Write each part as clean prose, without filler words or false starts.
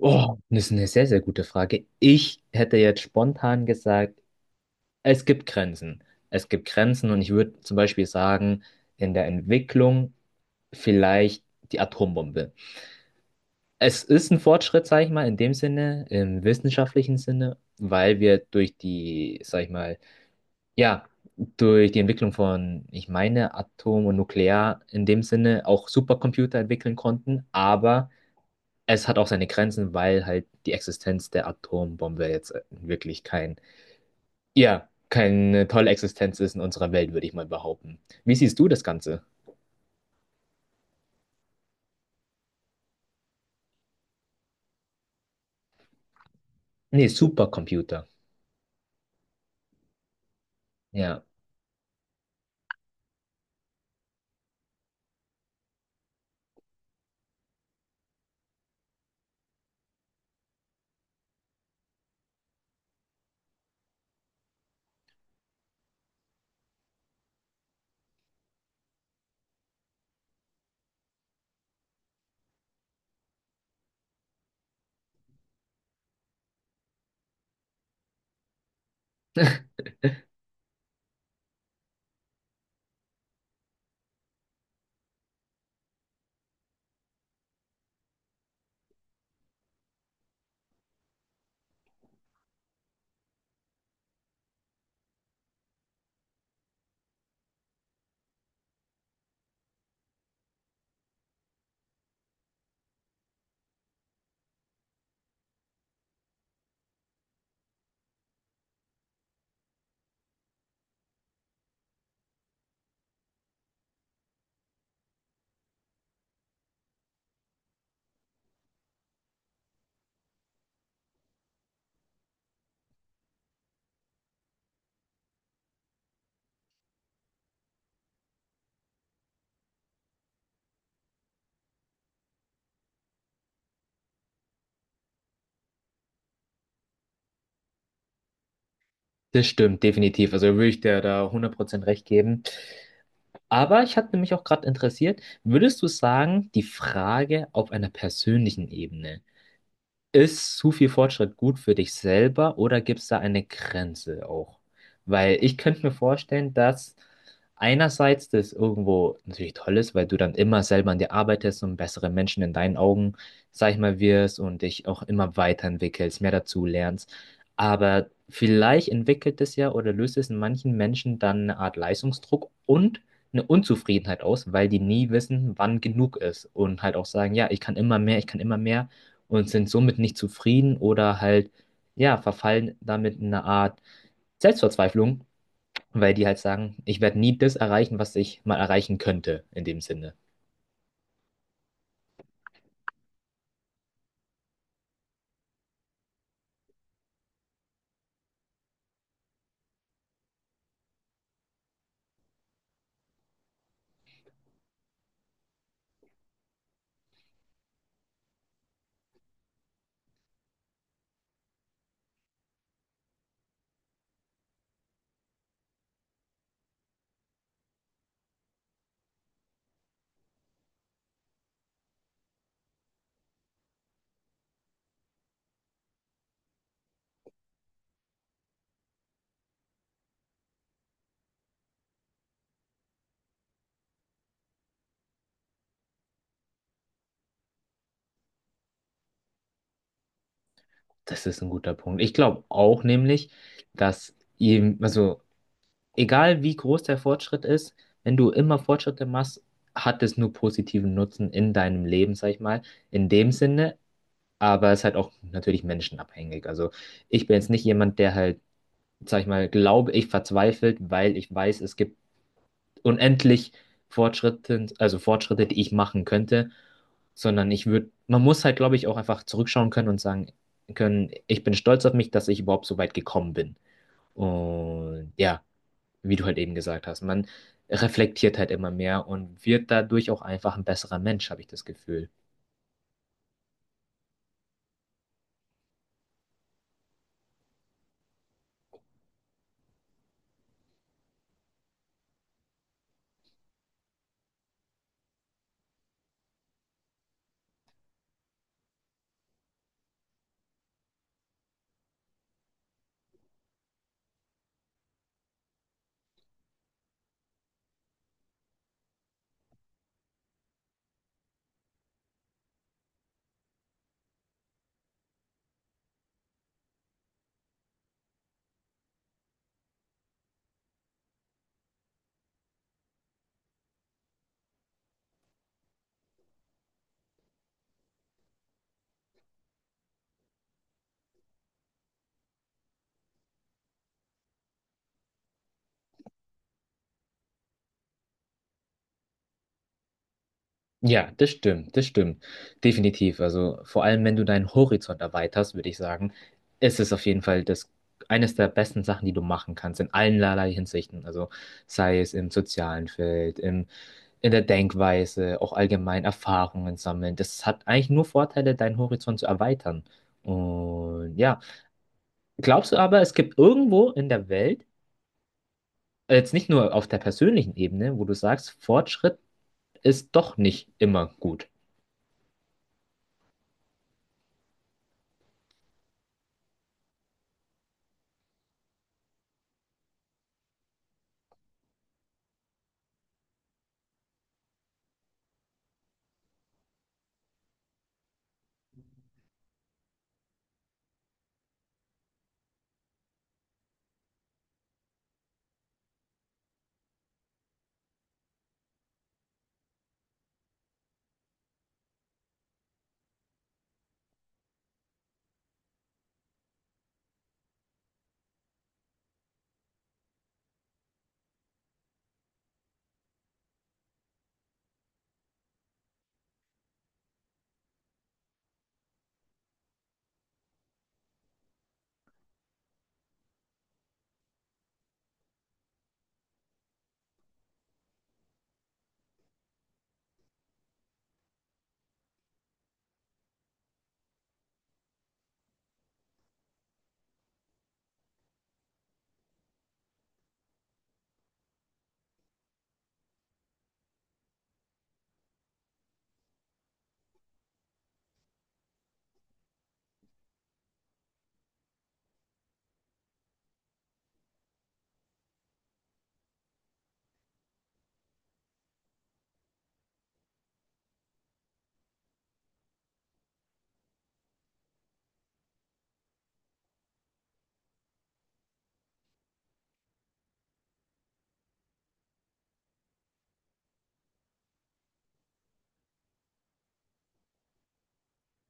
Oh, das ist eine sehr, sehr gute Frage. Ich hätte jetzt spontan gesagt, es gibt Grenzen. Es gibt Grenzen und ich würde zum Beispiel sagen, in der Entwicklung vielleicht die Atombombe. Es ist ein Fortschritt, sag ich mal, in dem Sinne, im wissenschaftlichen Sinne, weil wir durch die, sag ich mal, ja, durch die Entwicklung von, ich meine, Atom und Nuklear in dem Sinne auch Supercomputer entwickeln konnten, aber es hat auch seine Grenzen, weil halt die Existenz der Atombombe jetzt wirklich kein, ja, keine tolle Existenz ist in unserer Welt, würde ich mal behaupten. Wie siehst du das Ganze? Nee, Supercomputer. Ja, das stimmt, definitiv. Also würde ich dir da 100% recht geben. Aber ich hatte mich auch gerade interessiert, würdest du sagen, die Frage auf einer persönlichen Ebene. Ist zu viel Fortschritt gut für dich selber oder gibt es da eine Grenze auch? Weil ich könnte mir vorstellen, dass einerseits das irgendwo natürlich toll ist, weil du dann immer selber an dir arbeitest und bessere Menschen in deinen Augen, sag ich mal, wirst und dich auch immer weiterentwickelst, mehr dazu lernst. Aber vielleicht entwickelt es ja oder löst es in manchen Menschen dann eine Art Leistungsdruck und eine Unzufriedenheit aus, weil die nie wissen, wann genug ist und halt auch sagen, ja, ich kann immer mehr, ich kann immer mehr und sind somit nicht zufrieden oder halt, ja, verfallen damit in eine Art Selbstverzweiflung, weil die halt sagen, ich werde nie das erreichen, was ich mal erreichen könnte, in dem Sinne. Das ist ein guter Punkt. Ich glaube auch nämlich, dass ihm, also egal wie groß der Fortschritt ist, wenn du immer Fortschritte machst, hat es nur positiven Nutzen in deinem Leben, sag ich mal, in dem Sinne, aber es ist halt auch natürlich menschenabhängig. Also ich bin jetzt nicht jemand, der halt, sag ich mal, glaube ich, verzweifelt, weil ich weiß, es gibt unendlich Fortschritte, also Fortschritte, die ich machen könnte, sondern ich würde, man muss halt, glaube ich, auch einfach zurückschauen können und sagen können, ich bin stolz auf mich, dass ich überhaupt so weit gekommen bin. Und ja, wie du halt eben gesagt hast, man reflektiert halt immer mehr und wird dadurch auch einfach ein besserer Mensch, habe ich das Gefühl. Ja, das stimmt, das stimmt. Definitiv. Also vor allem, wenn du deinen Horizont erweiterst, würde ich sagen, ist es auf jeden Fall das, eines der besten Sachen, die du machen kannst, in allen allerlei Hinsichten. Also sei es im sozialen Feld, im, in der Denkweise, auch allgemein Erfahrungen sammeln. Das hat eigentlich nur Vorteile, deinen Horizont zu erweitern. Und ja, glaubst du aber, es gibt irgendwo in der Welt, jetzt nicht nur auf der persönlichen Ebene, wo du sagst, Fortschritt ist doch nicht immer gut.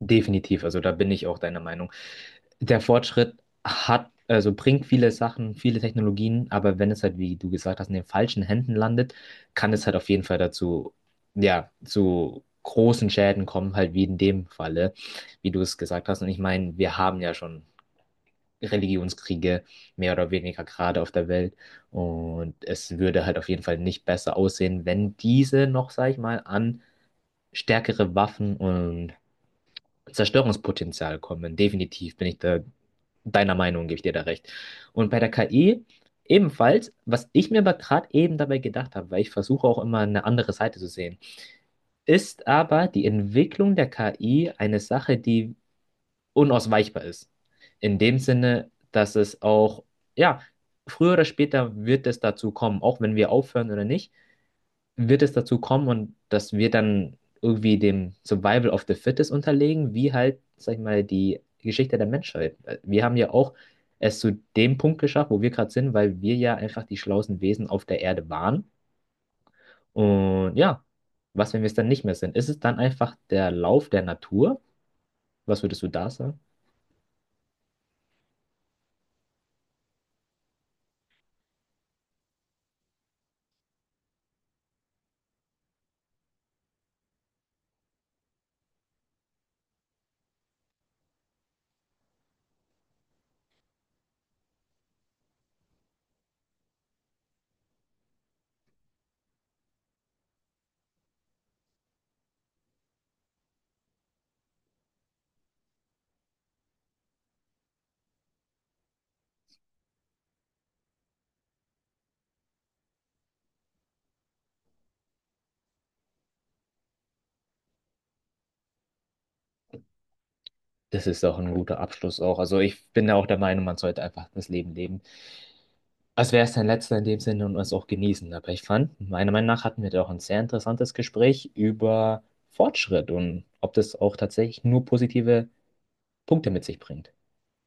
Definitiv, also da bin ich auch deiner Meinung. Der Fortschritt hat, also bringt viele Sachen, viele Technologien, aber wenn es halt, wie du gesagt hast, in den falschen Händen landet, kann es halt auf jeden Fall dazu, ja, zu großen Schäden kommen, halt wie in dem Falle, wie du es gesagt hast. Und ich meine, wir haben ja schon Religionskriege, mehr oder weniger gerade auf der Welt. Und es würde halt auf jeden Fall nicht besser aussehen, wenn diese noch, sag ich mal, an stärkere Waffen und Zerstörungspotenzial kommen. Definitiv bin ich da deiner Meinung, gebe ich dir da recht. Und bei der KI ebenfalls, was ich mir aber gerade eben dabei gedacht habe, weil ich versuche auch immer eine andere Seite zu sehen, ist aber die Entwicklung der KI eine Sache, die unausweichbar ist. In dem Sinne, dass es auch, ja, früher oder später wird es dazu kommen, auch wenn wir aufhören oder nicht, wird es dazu kommen und dass wir dann irgendwie dem Survival of the Fittest unterlegen, wie halt, sag ich mal, die Geschichte der Menschheit. Wir haben ja auch es zu dem Punkt geschafft, wo wir gerade sind, weil wir ja einfach die schlauesten Wesen auf der Erde waren. Und ja, was, wenn wir es dann nicht mehr sind? Ist es dann einfach der Lauf der Natur? Was würdest du da sagen? Das ist auch ein guter Abschluss auch. Also ich bin ja auch der Meinung, man sollte einfach das Leben leben, als wäre es dein letzter in dem Sinne und es auch genießen. Aber ich fand, meiner Meinung nach hatten wir da auch ein sehr interessantes Gespräch über Fortschritt und ob das auch tatsächlich nur positive Punkte mit sich bringt.